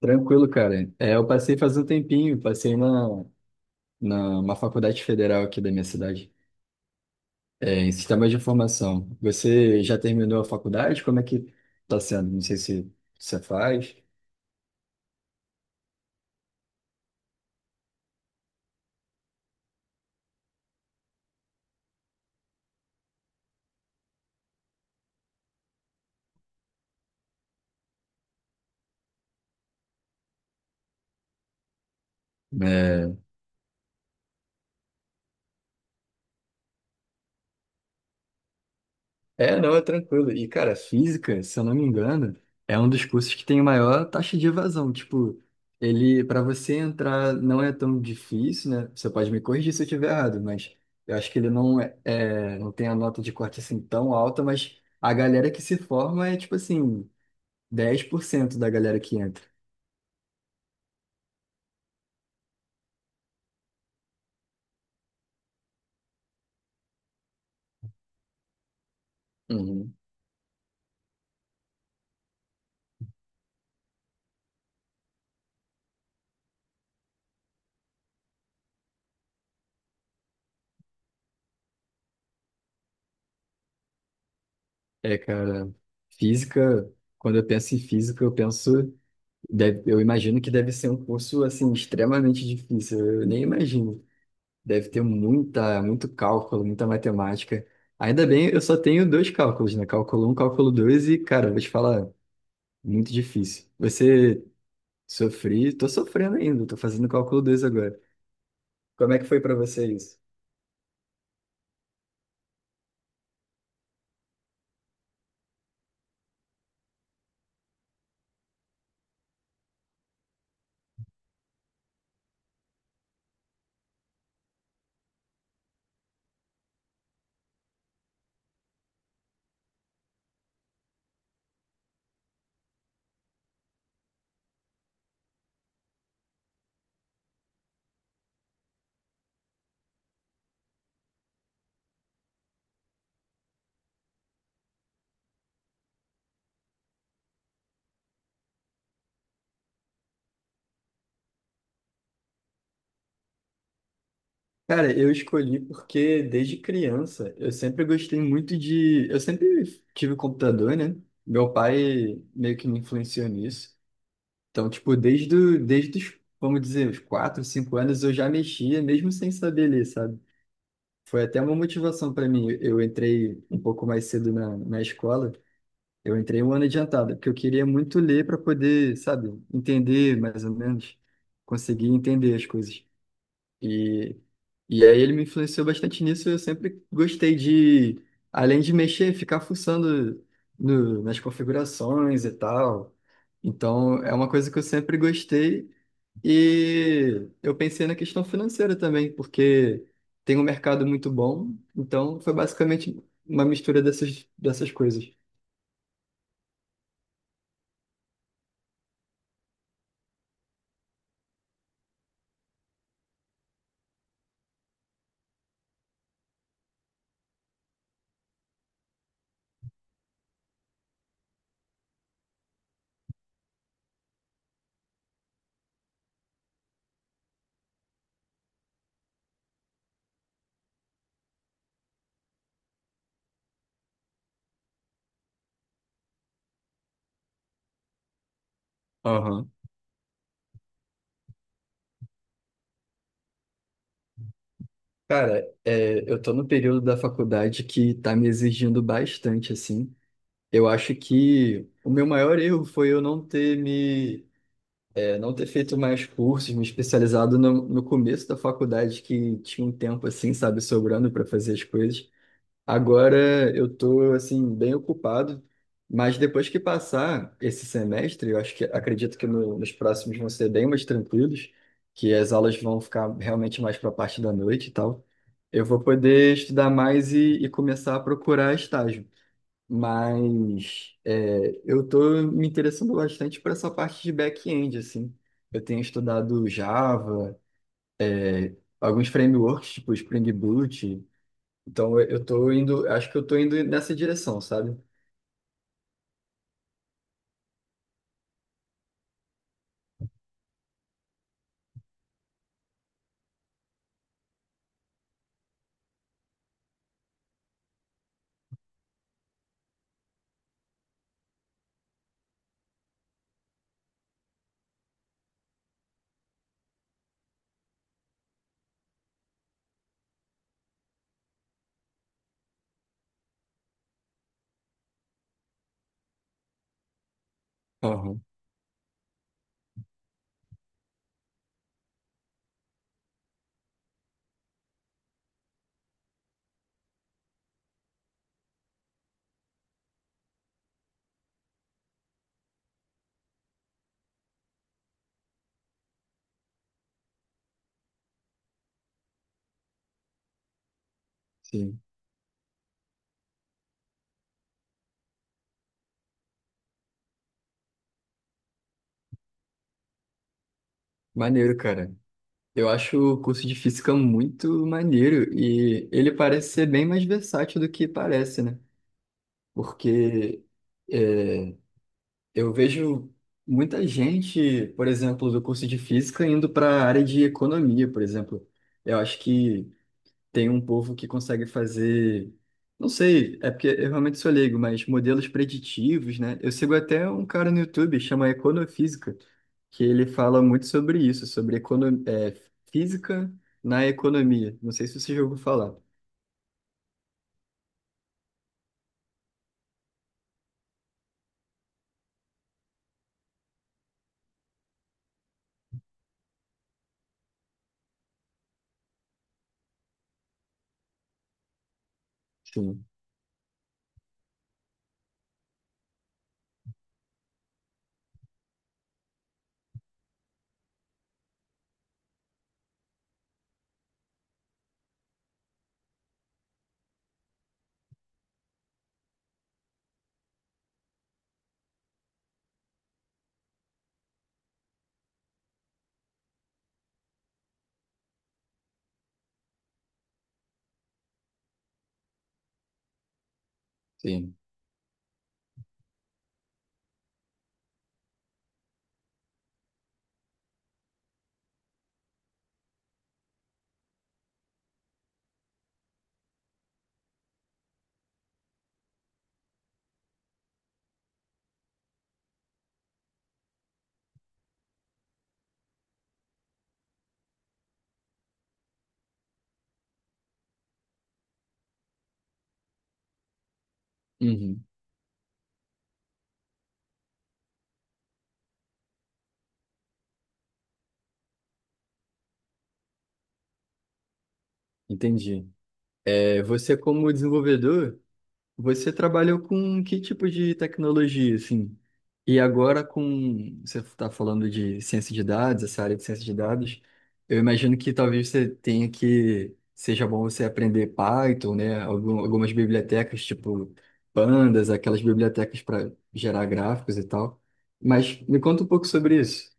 Tranquilo, cara. É, eu passei faz um tempinho, passei na, na uma faculdade federal aqui da minha cidade, é, em sistema de informação. Você já terminou a faculdade? Como é que tá sendo? Não sei se você faz. Né? É, não, é tranquilo. E, cara, física, se eu não me engano, é um dos cursos que tem maior taxa de evasão. Tipo, ele, para você entrar, não é tão difícil, né? Você pode me corrigir se eu estiver errado, mas eu acho que ele não é, é- não tem a nota de corte assim tão alta, mas a galera que se forma é, tipo assim, dez por cento da galera que entra. Uhum. É, cara, física, quando eu penso em física, eu penso, eu imagino que deve ser um curso, assim, extremamente difícil. Eu nem imagino. Deve ter muita, muito cálculo, muita matemática. Ainda bem, eu só tenho dois cálculos, né? Cálculo um, cálculo 2 e, cara, vou te falar, muito difícil. Você sofri, tô sofrendo ainda, tô fazendo cálculo 2 agora. Como é que foi pra você isso? Cara, eu escolhi porque desde criança eu sempre gostei muito de, eu sempre tive computador, né? Meu pai meio que me influenciou nisso. Então, tipo, desde os, vamos dizer, os 4, 5 anos eu já mexia, mesmo sem saber ler, sabe? Foi até uma motivação para mim. Eu entrei um pouco mais cedo na escola. Eu entrei um ano adiantado, porque eu queria muito ler para poder, sabe, entender mais ou menos, conseguir entender as coisas. E, e aí ele me influenciou bastante nisso. Eu sempre gostei de, além de mexer, ficar fuçando no, nas configurações e tal. Então, é uma coisa que eu sempre gostei e eu pensei na questão financeira também, porque tem um mercado muito bom, então foi basicamente uma mistura dessas, dessas coisas. Aham. Cara, é, eu tô no período da faculdade que tá me exigindo bastante, assim. Eu acho que o meu maior erro foi eu não ter feito mais cursos, me especializado no começo da faculdade, que tinha um tempo, assim, sabe, sobrando para fazer as coisas. Agora eu tô assim bem ocupado, mas depois que passar esse semestre, eu acho que acredito que nos próximos vão ser bem mais tranquilos, que as aulas vão ficar realmente mais para a parte da noite e tal. Eu vou poder estudar mais e começar a procurar estágio. Mas é, eu tô me interessando bastante por essa parte de back-end assim. Eu tenho estudado Java, alguns frameworks tipo Spring Boot. Então eu tô indo, acho que eu tô indo nessa direção, sabe? Aham, sim. Maneiro, cara. Eu acho o curso de física muito maneiro e ele parece ser bem mais versátil do que parece, né? Porque é, eu vejo muita gente, por exemplo, do curso de física indo para a área de economia, por exemplo. Eu acho que tem um povo que consegue fazer, não sei, é porque eu realmente sou leigo, mas modelos preditivos, né? Eu sigo até um cara no YouTube, chama Econofísica, que ele fala muito sobre isso, sobre física na economia. Não sei se você já ouviu falar. Sim, sim. Uhum, entendi. É, você como desenvolvedor, você trabalhou com que tipo de tecnologia, assim? E agora com... Você está falando de ciência de dados, essa área de ciência de dados. Eu imagino que talvez você tenha que... Seja bom você aprender Python, né? Algumas bibliotecas, tipo Pandas, aquelas bibliotecas para gerar gráficos e tal. Mas me conta um pouco sobre isso.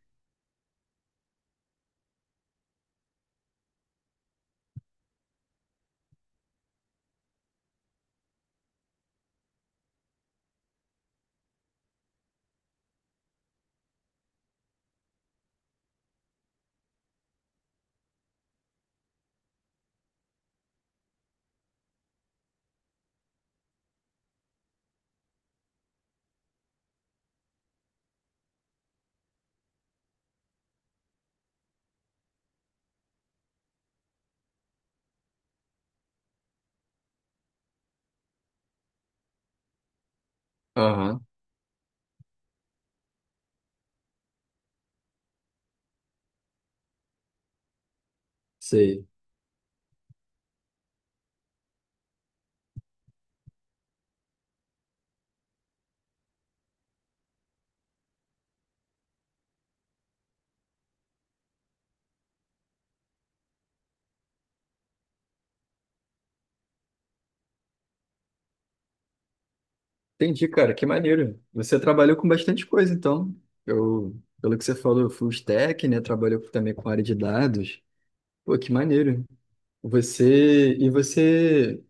Aham. Sei. Entendi, cara, que maneiro. Você trabalhou com bastante coisa, então. Eu, pelo que você falou, full stack, né? Trabalhou também com área de dados. Pô, que maneiro. Você, e você,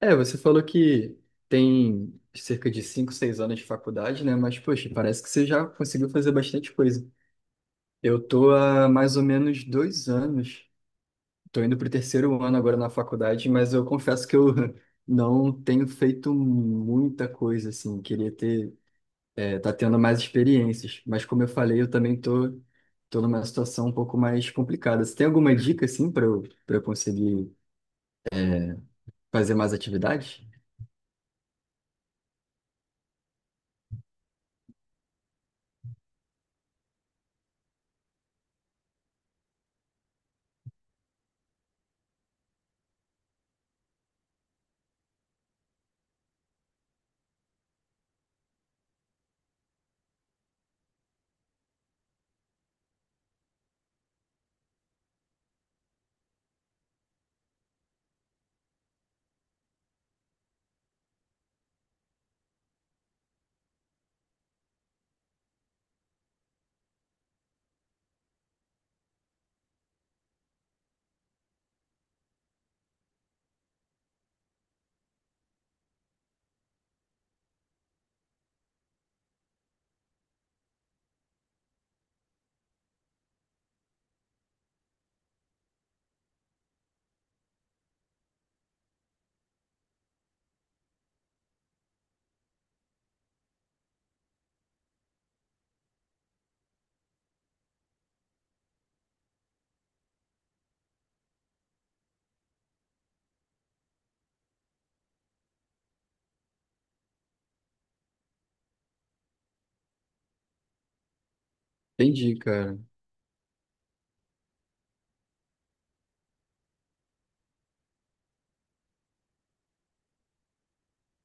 é, você falou que tem cerca de 5, 6 anos de faculdade, né? Mas, poxa, parece que você já conseguiu fazer bastante coisa. Eu tô há mais ou menos dois anos, tô indo pro terceiro ano agora na faculdade, mas eu confesso que eu não tenho feito muita coisa, assim. Queria ter é, tá tendo mais experiências. Mas como eu falei, eu também tô numa situação um pouco mais complicada. Você tem alguma dica, assim, para eu conseguir fazer mais atividades? Entendi, cara.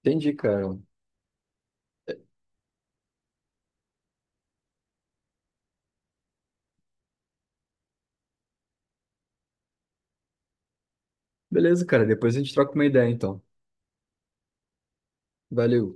Entendi, cara. Beleza, cara. Depois a gente troca uma ideia, então. Valeu.